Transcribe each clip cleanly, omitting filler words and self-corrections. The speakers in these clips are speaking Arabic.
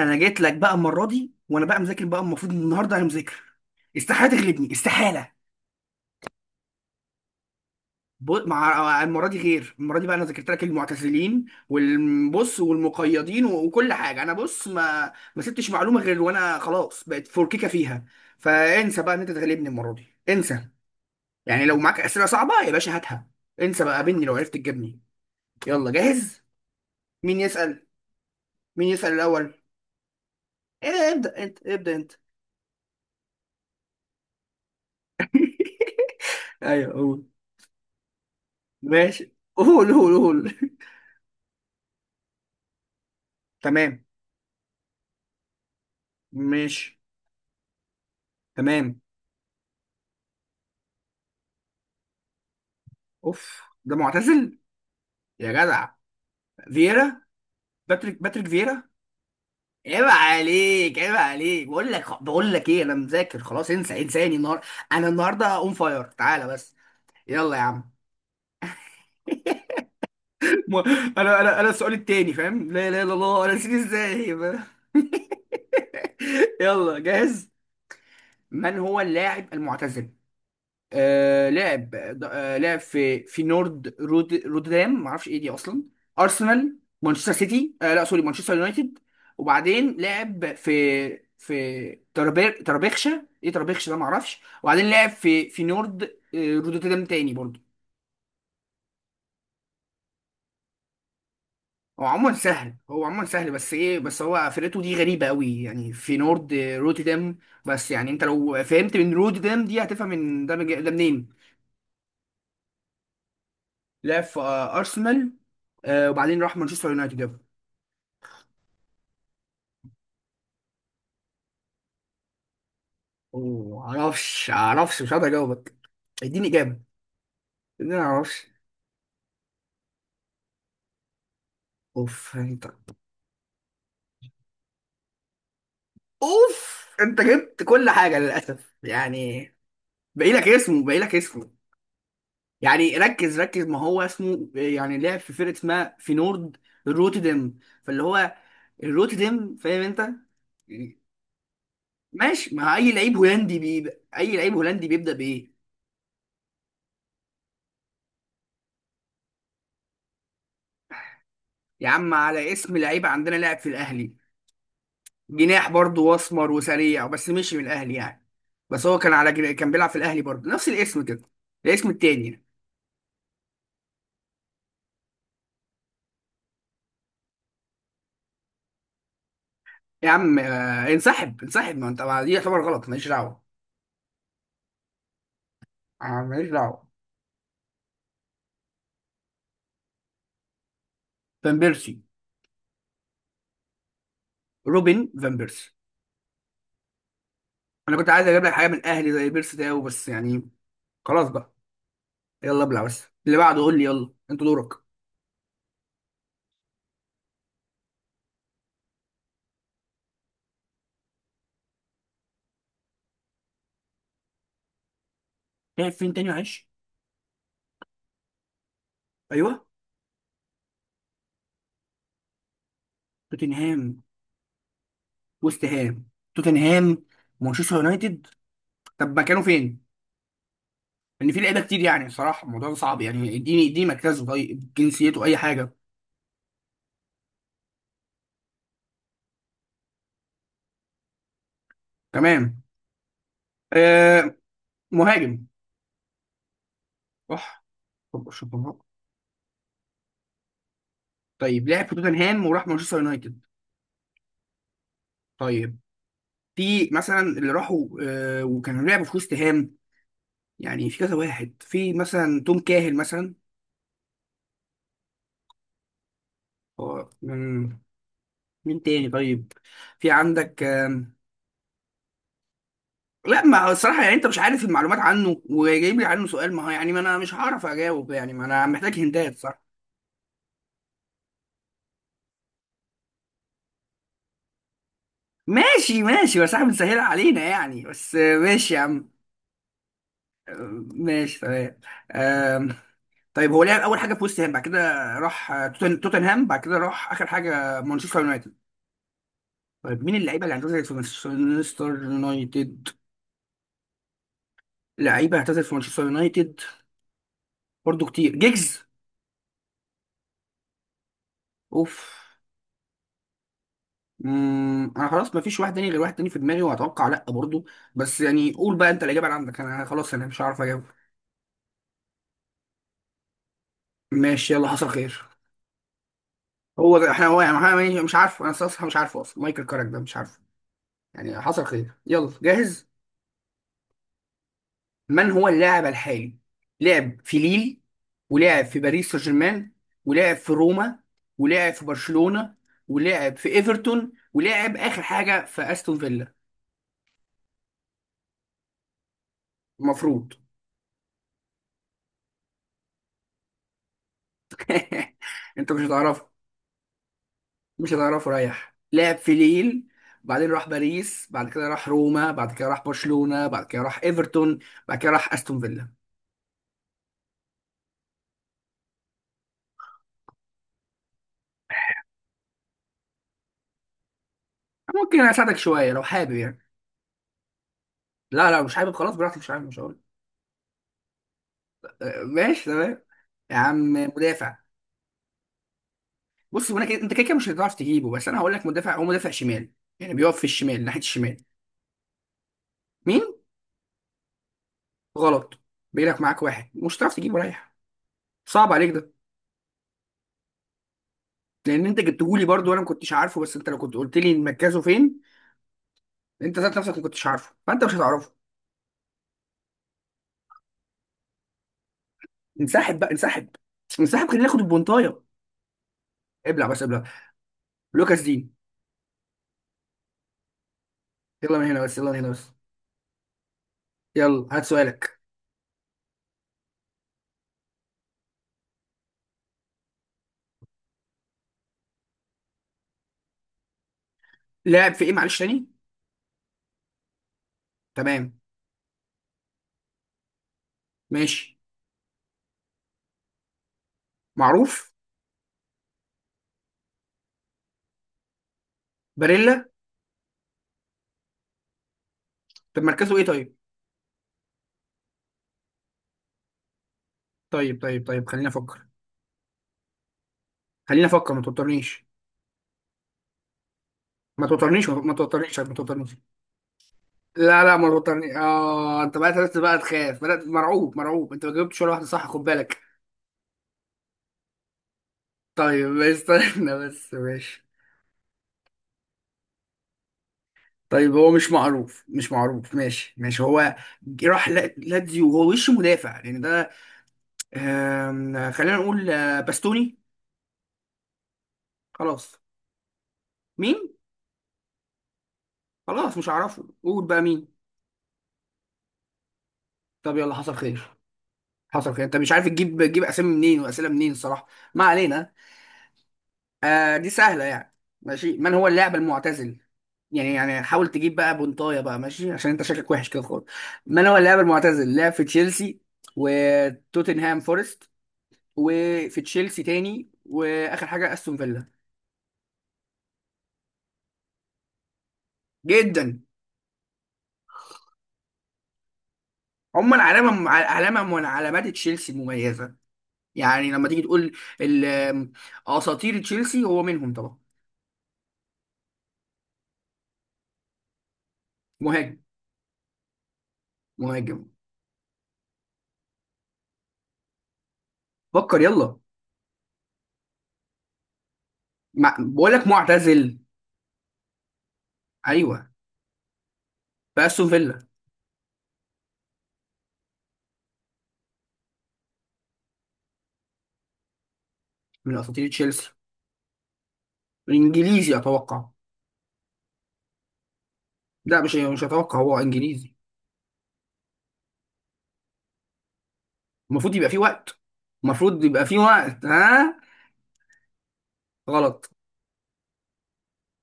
انا جيت لك بقى المره دي، وانا بقى مذاكر بقى. المفروض إن النهارده انا مذاكر. استحاله تغلبني، استحاله. مع المره دي غير المره دي بقى. انا ذاكرت لك المعتزلين والبص والمقيدين و- وكل حاجه. انا بص، ما سبتش معلومه غير وانا خلاص بقت فوركيكه فيها. فانسى بقى ان انت تغلبني المره دي، انسى. يعني لو معاك اسئله صعبه يا باشا هاتها. انسى بقى، قابلني لو عرفت تجيبني. يلا، جاهز. مين يسال؟ مين يسال الاول؟ إيه، ابدا انت ابدا انت. ايوه، قول. ماشي، قول قول قول. تمام. ماشي تمام. اوف، ده معتزل؟ يا جدع. فييرا. باتريك فييرا. عيب عليك عيب عليك، بقول لك ايه. انا مذاكر خلاص، انسى، انساني النهارده. انا النهارده اون فاير، تعالى بس. يلا يا عم. م- انا السؤال التاني فاهم؟ لا لا لا لا، انا نسيت ازاي. يلا، جاهز. من هو اللاعب المعتزل؟ لعب. لعب في نورد رودام، ما اعرفش ايه دي اصلا. ارسنال، مانشستر سيتي. لا، سوري، مانشستر يونايتد. وبعدين لعب في تربيخشة، ايه تربيخشة ده، ما اعرفش. وبعدين لعب في نورد رودوتردام تاني برضه. هو عموما سهل، هو عموما سهل بس ايه، بس هو فرقته دي غريبة قوي يعني، في نورد روتردام. بس يعني انت لو فهمت من روتردام دي، هتفهم من ده ده منين. لعب في ارسنال. وبعدين راح مانشستر يونايتد. معرفش، مش هقدر اجاوبك. اديني اجابه، اديني، معرفش. اوف انت. اوف، انت جبت كل حاجه للاسف يعني. باقي لك اسمه، باقي لك اسمه. يعني ركز ركز، ما هو اسمه يعني لعب في فرقه اسمها في نورد روتردام. فاللي هو الروتردام، فاهم انت؟ ماشي. ما اي لعيب هولندي بيبدا بايه؟ يا عم، على اسم لعيب عندنا لاعب في الاهلي. جناح برضه واسمر وسريع، بس مشي من الاهلي يعني. بس هو كان على كان بيلعب في الاهلي برضه، نفس الاسم كده. الاسم التاني يعني. يا عم انسحب انسحب، ما انت دي يعتبر غلط، ماليش دعوه. ماليش دعوه. فان بيرسي. روبن فان بيرسي. انا كنت عايز اجيب لك حاجه من الاهلي زي بيرسي ده بس يعني. خلاص بقى. يلا ابلع بس، اللي بعده قول لي، يلا انت دورك. لعب فين تاني معلش؟ ايوه. توتنهام، وست هام، توتنهام، مانشستر يونايتد. طب مكانه فين؟ ان في لعيبه كتير يعني صراحه، الموضوع ده صعب يعني. اديني مركزه، طيب جنسيته، اي حاجه. تمام. آه مهاجم. صح. طب شطبها. طيب لعب في توتنهام وراح مانشستر يونايتد. طيب. في مثلا اللي راحوا وكانوا لعبوا في وست هام، يعني في كذا واحد، في مثلا توم كاهل مثلا. هو من؟ مين تاني طيب؟ في عندك لا، ما هو الصراحه يعني انت مش عارف المعلومات عنه وجايب لي عنه سؤال. ما هو يعني ما انا مش هعرف اجاوب يعني، ما انا محتاج هندات. ماشي ماشي، بس احنا بنسهلها علينا يعني، بس ماشي يا عم. آه، ماشي تمام. آم، طيب هو لعب اول حاجه في وست هام، بعد كده راح توتنهام، بعد كده راح اخر حاجه مانشستر يونايتد. طيب، مين اللعيبه اللي اعتزلت في مانشستر يونايتد؟ لعيبه اعتزلت في مانشستر يونايتد، برضو كتير، جيجز. اوف. انا خلاص ما فيش واحد تاني، غير واحد تاني في دماغي وهتوقع لا برضو. بس يعني قول بقى انت الاجابه اللي عندك، انا خلاص، انا مش عارف اجاوب. ماشي، يلا حصل خير. هو احنا هو يعني احنا مش عارفه، انا صراحه مش عارفه اصلا، مايكل كارك ده مش عارفه. يعني حصل خير، يلا جاهز. من هو اللاعب الحالي؟ لعب في ليل، ولعب في باريس سان جيرمان، ولعب في روما، ولعب في برشلونة، ولعب في ايفرتون، ولعب اخر حاجه في استون فيلا. المفروض. انت مش هتعرفه. مش هتعرفه رايح. لعب في ليل، بعدين راح باريس، بعد كده راح روما، بعد كده راح برشلونة، بعد كده راح ايفرتون، بعد كده راح استون فيلا. ممكن اساعدك شويه لو حابب يعني. لا لا مش حابب، خلاص براحتك، مش حابب، مش هقول. ماشي تمام. يا عم، مدافع. بص، هو أنا كده، انت كده كده مش هتعرف تجيبه، بس انا هقول لك مدافع، هو مدافع شمال. يعني بيقف في الشمال، ناحيه الشمال. مين؟ غلط. بينك معاك واحد مش هتعرف تجيبه رايح. صعب عليك ده. لان انت جبته لي برضه وانا ما كنتش عارفه، بس انت لو كنت قلت لي مركزه فين، انت ذات نفسك ما كنتش عارفه، فانت مش هتعرفه. انسحب بقى انسحب، انسحب خلينا ناخد البونطايه. ابلع بس ابلع. لوكاس دين. يلا من هنا بس، يلا من هنا بس. يلا هات سؤالك. لاعب في ايه معلش، تاني؟ تمام. ماشي. معروف. باريلا. طب مركزه ايه طيب؟ طيب طيب طيب، خليني افكر، خليني افكر، ما توترنيش، ما توترنيش، ما توترنيش، ما توترنيش. لا لا، ما توترنيش. اه، انت بقى بدات بقى تخاف، بدات مرعوب، مرعوب. انت ما جاوبتش ولا واحده صح، خد بالك. طيب. استنى بس، ماشي. طيب هو مش معروف، مش معروف. ماشي ماشي. هو راح لاتزيو، وهو وش مدافع يعني ده. خلينا نقول باستوني. خلاص. مين؟ خلاص مش هعرفه، قول بقى مين. طب يلا حصل خير، حصل خير. انت مش عارف تجيب اسامي منين واسئله منين الصراحه. ما علينا. دي سهله يعني. ماشي، من هو اللاعب المعتزل؟ يعني حاول تجيب بقى بنطايه بقى، ماشي، عشان انت شكلك وحش كده خالص. من هو اللاعب المعتزل، لعب في تشيلسي وتوتنهام فورست وفي تشيلسي تاني، واخر حاجه استون فيلا. جدا. عموما علامه من علامات تشيلسي مميزه. يعني لما تيجي تقول ال- آه، اساطير تشيلسي، هو منهم طبعا. مهاجم. مهاجم. فكر يلا. بقول لك معتزل. ايوه. في استون فيلا. من اساطير تشيلسي. انجليزي اتوقع. لا، مش اتوقع، هو انجليزي. المفروض يبقى فيه وقت، المفروض يبقى فيه وقت، ها. غلط.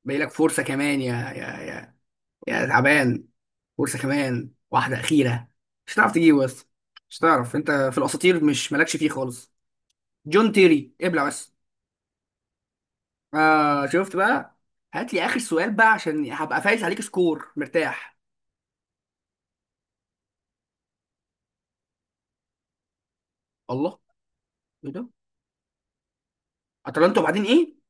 باقي لك فرصه كمان يا يا تعبان، فرصه كمان واحده اخيره. مش هتعرف تجيبه بس، مش هتعرف انت، في الاساطير مش مالكش فيه خالص. جون تيري، ابلع بس. شفت بقى. هات لي اخر سؤال بقى عشان هبقى فايز عليك سكور مرتاح. الله، ايه ده؟ اتلانتا وبعدين ايه؟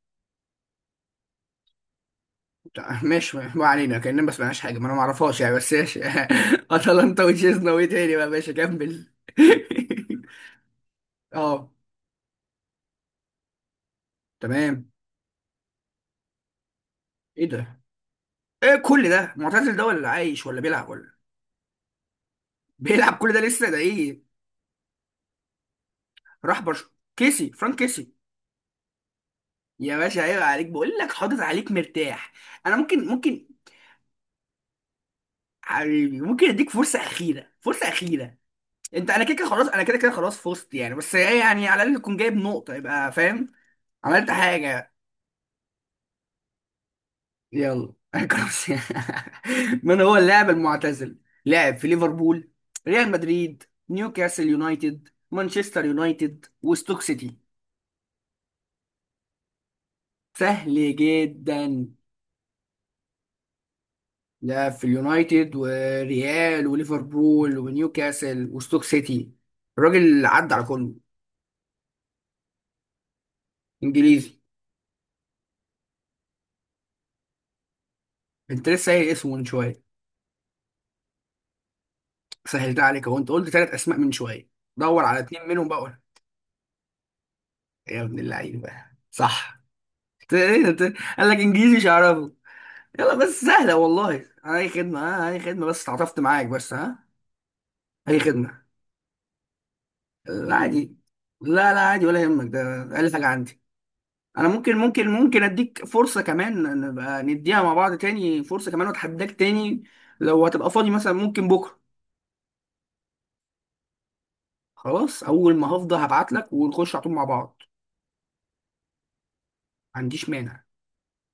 لا، ماشي ما علينا، كأننا ما سمعناش حاجة، ما انا ما اعرفهاش يعني، بس ماشي. اتلانتا وتشيزنا وايه تاني بقى، ماشي كمل. اه. تمام. ايه ده؟ ايه كل ده؟ معتزل ده ولا عايش ولا بيلعب، ولا بيلعب كل ده لسه، ده ايه؟ راح برش، كيسي، فرانك كيسي. يا باشا عيب عليك، بقول لك حاطط عليك مرتاح. انا ممكن حبيبي، ممكن اديك فرصة أخيرة، فرصة أخيرة. انت انا كده كده خلاص، انا كده كده خلاص فزت يعني، بس ايه يعني، على الاقل تكون جايب نقطة يبقى فاهم، عملت حاجة. يلا كروس. من هو اللاعب المعتزل؟ لعب في ليفربول، ريال مدريد، نيوكاسل يونايتد، مانشستر يونايتد، وستوك سيتي. سهل جدا. لعب في اليونايتد وريال وليفربول ونيوكاسل وستوك سيتي، الراجل عدى على كله. انجليزي. انت لسه قايل اسمه من شويه، سهلت عليك اهو، انت قلت ثلاث اسماء من شويه، دور على اتنين منهم بقى قول. يا ابن اللعيبه، صح. إيه ده؟ قال لك انجليزي مش هعرفه. يلا بس، سهلة والله. أي خدمة، ها، أي خدمة، بس تعاطفت معاك بس، ها. أي خدمة. لا عادي. لا لا عادي ولا يهمك، ده أقل حاجة عندي. أنا ممكن أديك فرصة كمان، نبقى نديها مع بعض تاني، فرصة كمان وأتحداك تاني. لو هتبقى فاضي مثلا ممكن بكرة. خلاص، أول ما هفضى هبعتلك ونخش على طول مع بعض. ما عنديش مانع.